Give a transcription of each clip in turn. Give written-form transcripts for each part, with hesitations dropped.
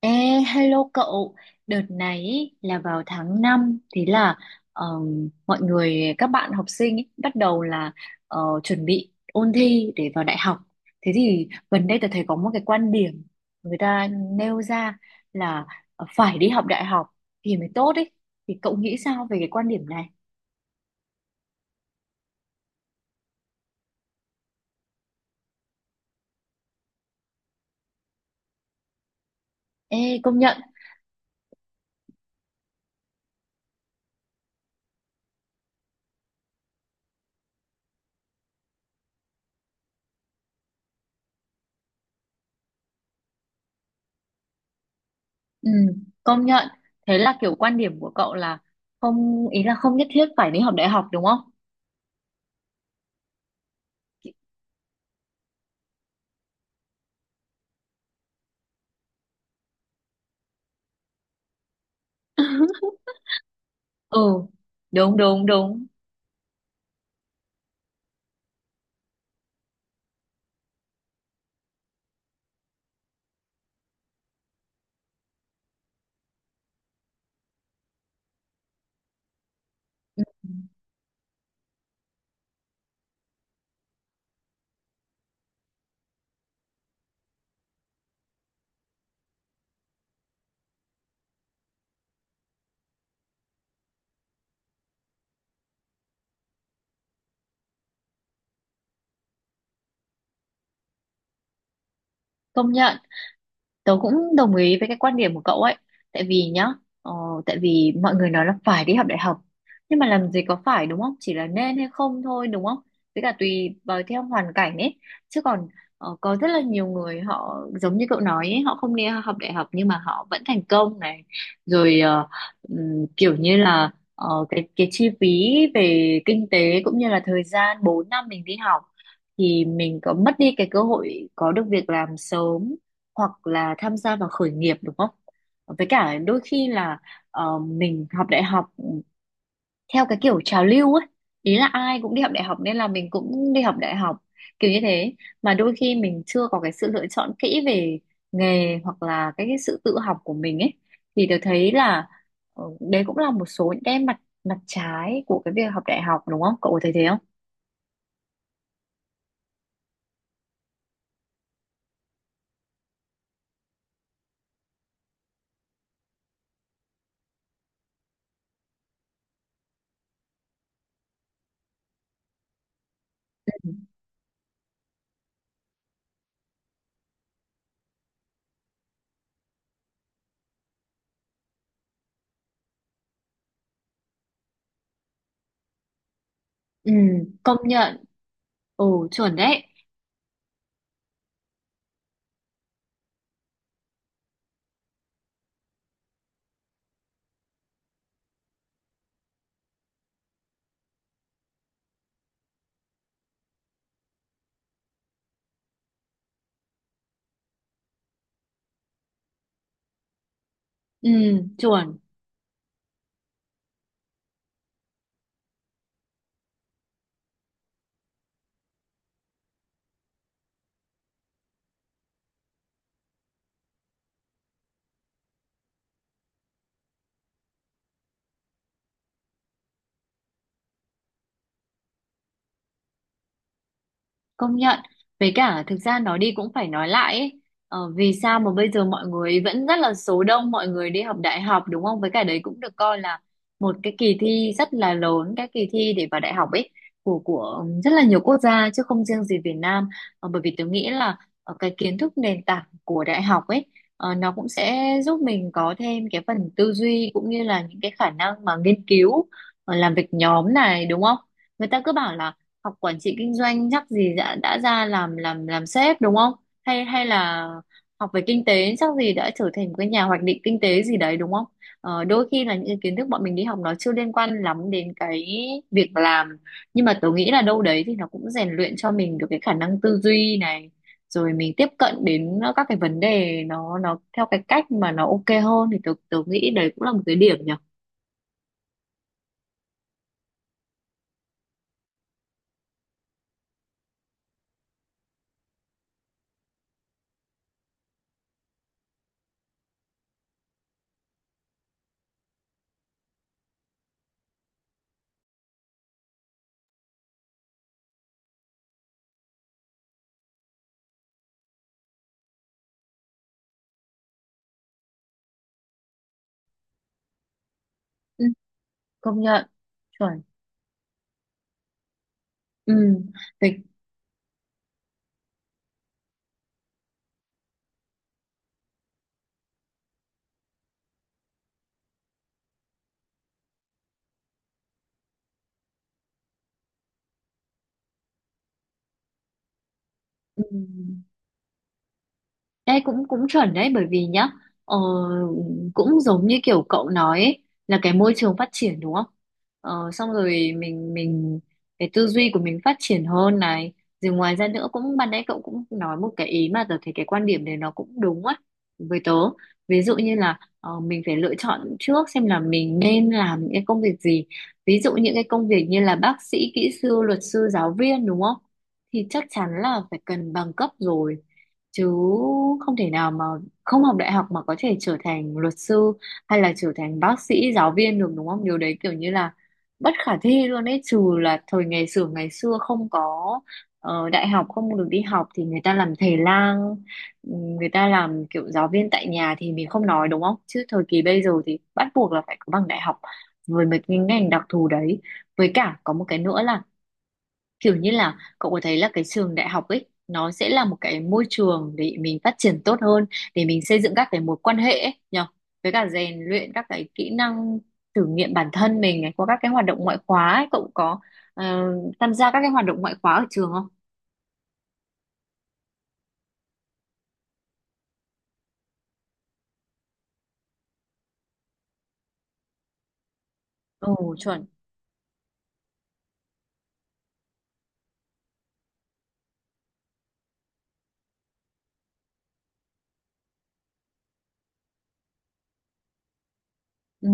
Ê, hello cậu, đợt này ý, là vào tháng 5, thế là mọi người các bạn học sinh ý, bắt đầu là chuẩn bị ôn thi để vào đại học. Thế thì gần đây tôi thấy có một cái quan điểm người ta nêu ra là phải đi học đại học thì mới tốt ấy. Thì cậu nghĩ sao về cái quan điểm này? Ê, công nhận, ừ, công nhận. Thế là kiểu quan điểm của cậu là không ý là không nhất thiết phải đi học đại học đúng không? Ừ, đúng đúng đúng. Công nhận, tớ cũng đồng ý với cái quan điểm của cậu ấy. Tại vì nhá, ờ, tại vì mọi người nói là phải đi học đại học. Nhưng mà làm gì có phải đúng không? Chỉ là nên hay không thôi đúng không? Với cả tùy vào theo hoàn cảnh ấy. Chứ còn có rất là nhiều người họ giống như cậu nói ấy, họ không đi học đại học nhưng mà họ vẫn thành công này. Rồi kiểu như là cái chi phí về kinh tế cũng như là thời gian 4 năm mình đi học thì mình có mất đi cái cơ hội có được việc làm sớm hoặc là tham gia vào khởi nghiệp đúng không? Với cả đôi khi là mình học đại học theo cái kiểu trào lưu ấy, ý là ai cũng đi học đại học nên là mình cũng đi học đại học kiểu như thế, mà đôi khi mình chưa có cái sự lựa chọn kỹ về nghề hoặc là cái sự tự học của mình ấy thì tôi thấy là đấy cũng là một số những cái mặt mặt trái của cái việc học đại học đúng không? Cậu có thấy thế không? Ừ, công nhận. Ừ, chuẩn đấy. Ừ, chuẩn. Công nhận. Với cả thực ra nói đi cũng phải nói lại ấy. Vì sao mà bây giờ mọi người vẫn rất là số đông mọi người đi học đại học đúng không? Với cả đấy cũng được coi là một cái kỳ thi rất là lớn, cái kỳ thi để vào đại học ấy của rất là nhiều quốc gia chứ không riêng gì Việt Nam. Bởi vì tôi nghĩ là cái kiến thức nền tảng của đại học ấy nó cũng sẽ giúp mình có thêm cái phần tư duy cũng như là những cái khả năng mà nghiên cứu, làm việc nhóm này đúng không? Người ta cứ bảo là học quản trị kinh doanh chắc gì đã ra làm sếp đúng không? Hay hay là học về kinh tế chắc gì đã trở thành một cái nhà hoạch định kinh tế gì đấy đúng không? Đôi khi là những cái kiến thức bọn mình đi học nó chưa liên quan lắm đến cái việc làm nhưng mà tớ nghĩ là đâu đấy thì nó cũng rèn luyện cho mình được cái khả năng tư duy này rồi mình tiếp cận đến các cái vấn đề nó theo cái cách mà nó ok hơn thì tớ tớ nghĩ đấy cũng là một cái điểm nhỉ. Ừ, công nhận chuẩn. Ừ, về, ừ. Đây cũng cũng chuẩn đấy bởi vì nhá ờ, cũng giống như kiểu cậu nói ấy, là cái môi trường phát triển đúng không? Xong rồi mình cái tư duy của mình phát triển hơn này rồi ngoài ra nữa cũng ban nãy cậu cũng nói một cái ý mà tớ thấy cái quan điểm đấy nó cũng đúng á với tớ ví dụ như là mình phải lựa chọn trước xem là mình nên làm những cái công việc gì, ví dụ những cái công việc như là bác sĩ, kỹ sư, luật sư, giáo viên đúng không, thì chắc chắn là phải cần bằng cấp rồi chứ không thể nào mà không học đại học mà có thể trở thành luật sư hay là trở thành bác sĩ, giáo viên được đúng không, điều đấy kiểu như là bất khả thi luôn ấy, trừ là thời ngày xưa không có đại học, không được đi học thì người ta làm thầy lang, người ta làm kiểu giáo viên tại nhà thì mình không nói đúng không, chứ thời kỳ bây giờ thì bắt buộc là phải có bằng đại học với mấy cái ngành đặc thù đấy. Với cả có một cái nữa là kiểu như là cậu có thấy là cái trường đại học ấy nó sẽ là một cái môi trường để mình phát triển tốt hơn, để mình xây dựng các cái mối quan hệ ấy nhở, với cả rèn luyện các cái kỹ năng, thử nghiệm bản thân mình ấy, qua các cái hoạt động ngoại khóa ấy. Cậu có ờ, tham gia các cái hoạt động ngoại khóa ở trường không? Ồ chuẩn. Ừ.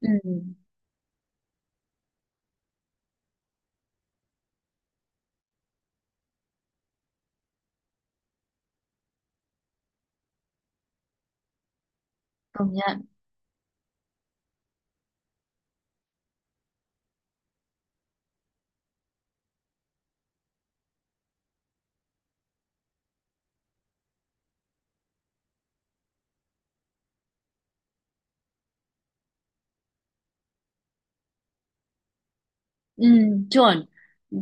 Ừ. Công nhận. Ừ, chuẩn.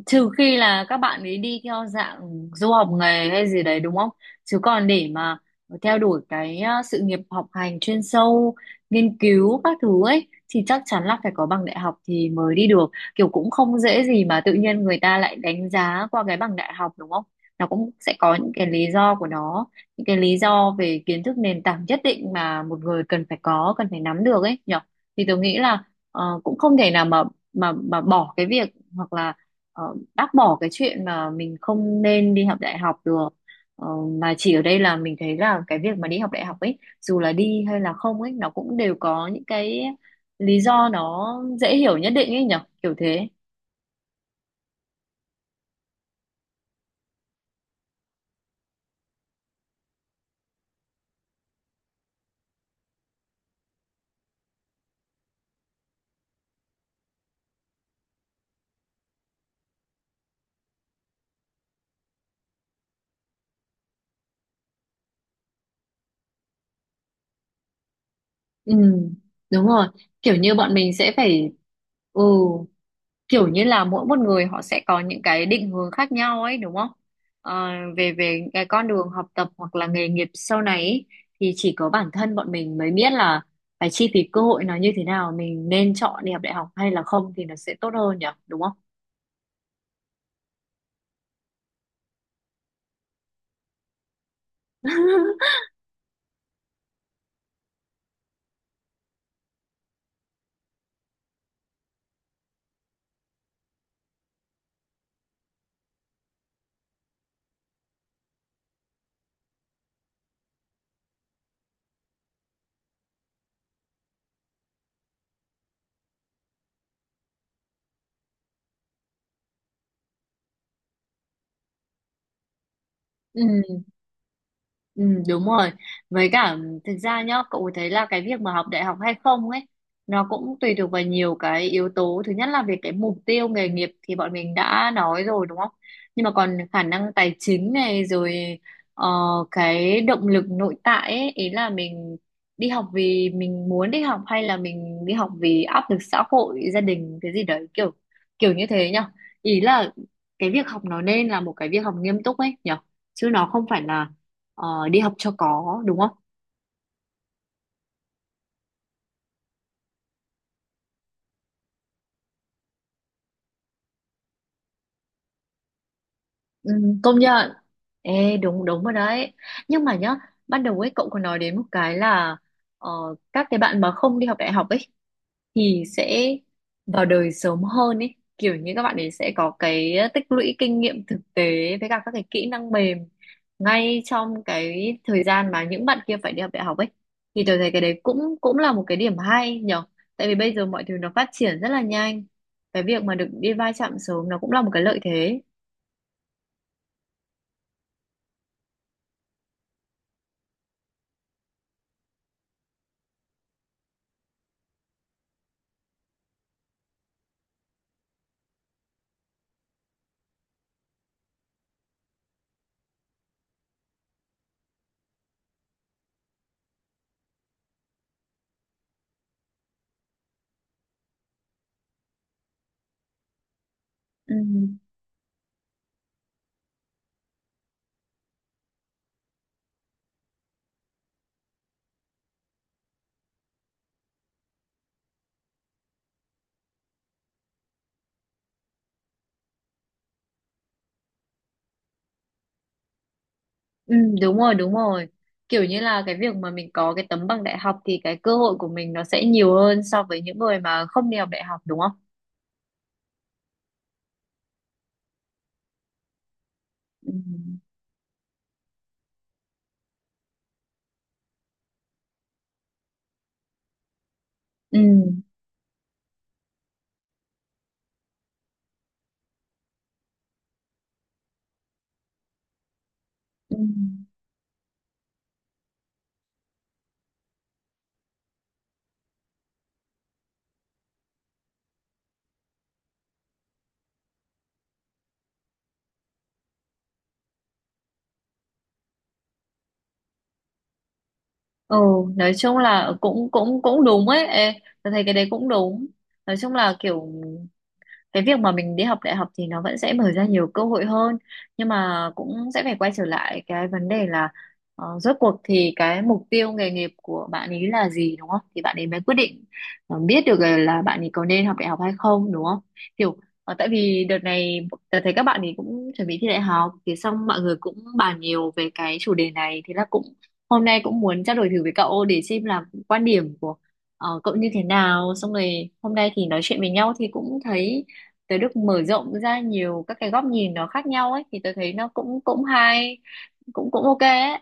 Trừ khi là các bạn ấy đi theo dạng du học nghề hay gì đấy đúng không? Chứ còn để mà theo đuổi cái sự nghiệp học hành chuyên sâu, nghiên cứu các thứ ấy thì chắc chắn là phải có bằng đại học thì mới đi được. Kiểu cũng không dễ gì mà tự nhiên người ta lại đánh giá qua cái bằng đại học đúng không? Nó cũng sẽ có những cái lý do của nó, những cái lý do về kiến thức nền tảng nhất định mà một người cần phải có, cần phải nắm được ấy nhở. Thì tôi nghĩ là cũng không thể nào mà bỏ cái việc hoặc là bác bỏ cái chuyện mà mình không nên đi học đại học được. Ờ, mà chỉ ở đây là mình thấy là cái việc mà đi học đại học ấy dù là đi hay là không ấy nó cũng đều có những cái lý do nó dễ hiểu nhất định ấy nhở kiểu thế. Ừ, đúng rồi, kiểu như bọn mình sẽ phải, ừ, kiểu như là mỗi một người họ sẽ có những cái định hướng khác nhau ấy đúng không? Ờ, về về cái con đường học tập hoặc là nghề nghiệp sau này ấy, thì chỉ có bản thân bọn mình mới biết là phải chi phí cơ hội nó như thế nào, mình nên chọn đi học đại học hay là không thì nó sẽ tốt hơn nhỉ đúng không? Ừ. Ừ, đúng rồi. Với cả thực ra nhá, cậu thấy là cái việc mà học đại học hay không ấy, nó cũng tùy thuộc vào nhiều cái yếu tố. Thứ nhất là về cái mục tiêu nghề nghiệp thì bọn mình đã nói rồi đúng không? Nhưng mà còn khả năng tài chính này rồi ờ, cái động lực nội tại ấy, ý là mình đi học vì mình muốn đi học hay là mình đi học vì áp lực xã hội, gia đình cái gì đấy, kiểu kiểu như thế nhá. Ý là cái việc học nó nên là một cái việc học nghiêm túc ấy nhở. Chứ nó không phải là đi học cho có đúng không? Ừ, công nhận. Ê, đúng đúng rồi đấy. Nhưng mà nhá, ban đầu ấy cậu còn nói đến một cái là ờ, các cái bạn mà không đi học đại học ấy thì sẽ vào đời sớm hơn ấy, kiểu như các bạn ấy sẽ có cái tích lũy kinh nghiệm thực tế với cả các cái kỹ năng mềm ngay trong cái thời gian mà những bạn kia phải đi học đại học ấy, thì tôi thấy cái đấy cũng cũng là một cái điểm hay nhở, tại vì bây giờ mọi thứ nó phát triển rất là nhanh, cái việc mà được đi va chạm sớm nó cũng là một cái lợi thế. Ừ. Ừ, đúng rồi đúng rồi, kiểu như là cái việc mà mình có cái tấm bằng đại học thì cái cơ hội của mình nó sẽ nhiều hơn so với những người mà không đi học đại học đúng không? Ừ. Ừ, ừ, ừ, nói chung là cũng cũng cũng đúng ấy. Ê, tôi thấy cái đấy cũng đúng, nói chung là kiểu cái việc mà mình đi học đại học thì nó vẫn sẽ mở ra nhiều cơ hội hơn, nhưng mà cũng sẽ phải quay trở lại cái vấn đề là rốt cuộc thì cái mục tiêu nghề nghiệp của bạn ấy là gì đúng không, thì bạn ấy mới quyết định biết được là bạn ấy có nên học đại học hay không đúng không, kiểu tại vì đợt này tớ thấy các bạn ấy cũng chuẩn bị thi đại học thì xong mọi người cũng bàn nhiều về cái chủ đề này, thế là cũng hôm nay cũng muốn trao đổi thử với cậu để xem là quan điểm của cậu như thế nào, xong rồi hôm nay thì nói chuyện với nhau thì cũng thấy tới được mở rộng ra nhiều các cái góc nhìn nó khác nhau ấy, thì tôi thấy nó cũng cũng hay, cũng cũng ok ấy.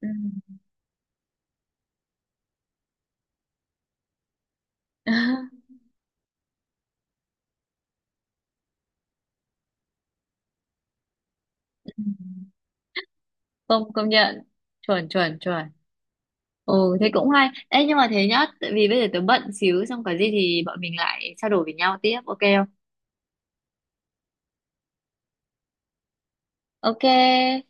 Ừ. Ừ. công công nhận, chuẩn chuẩn chuẩn, ừ thế cũng hay. Ê, nhưng mà thế nhá, tại vì bây giờ tớ bận xíu, xong có gì thì bọn mình lại trao đổi với nhau tiếp ok không? Ok.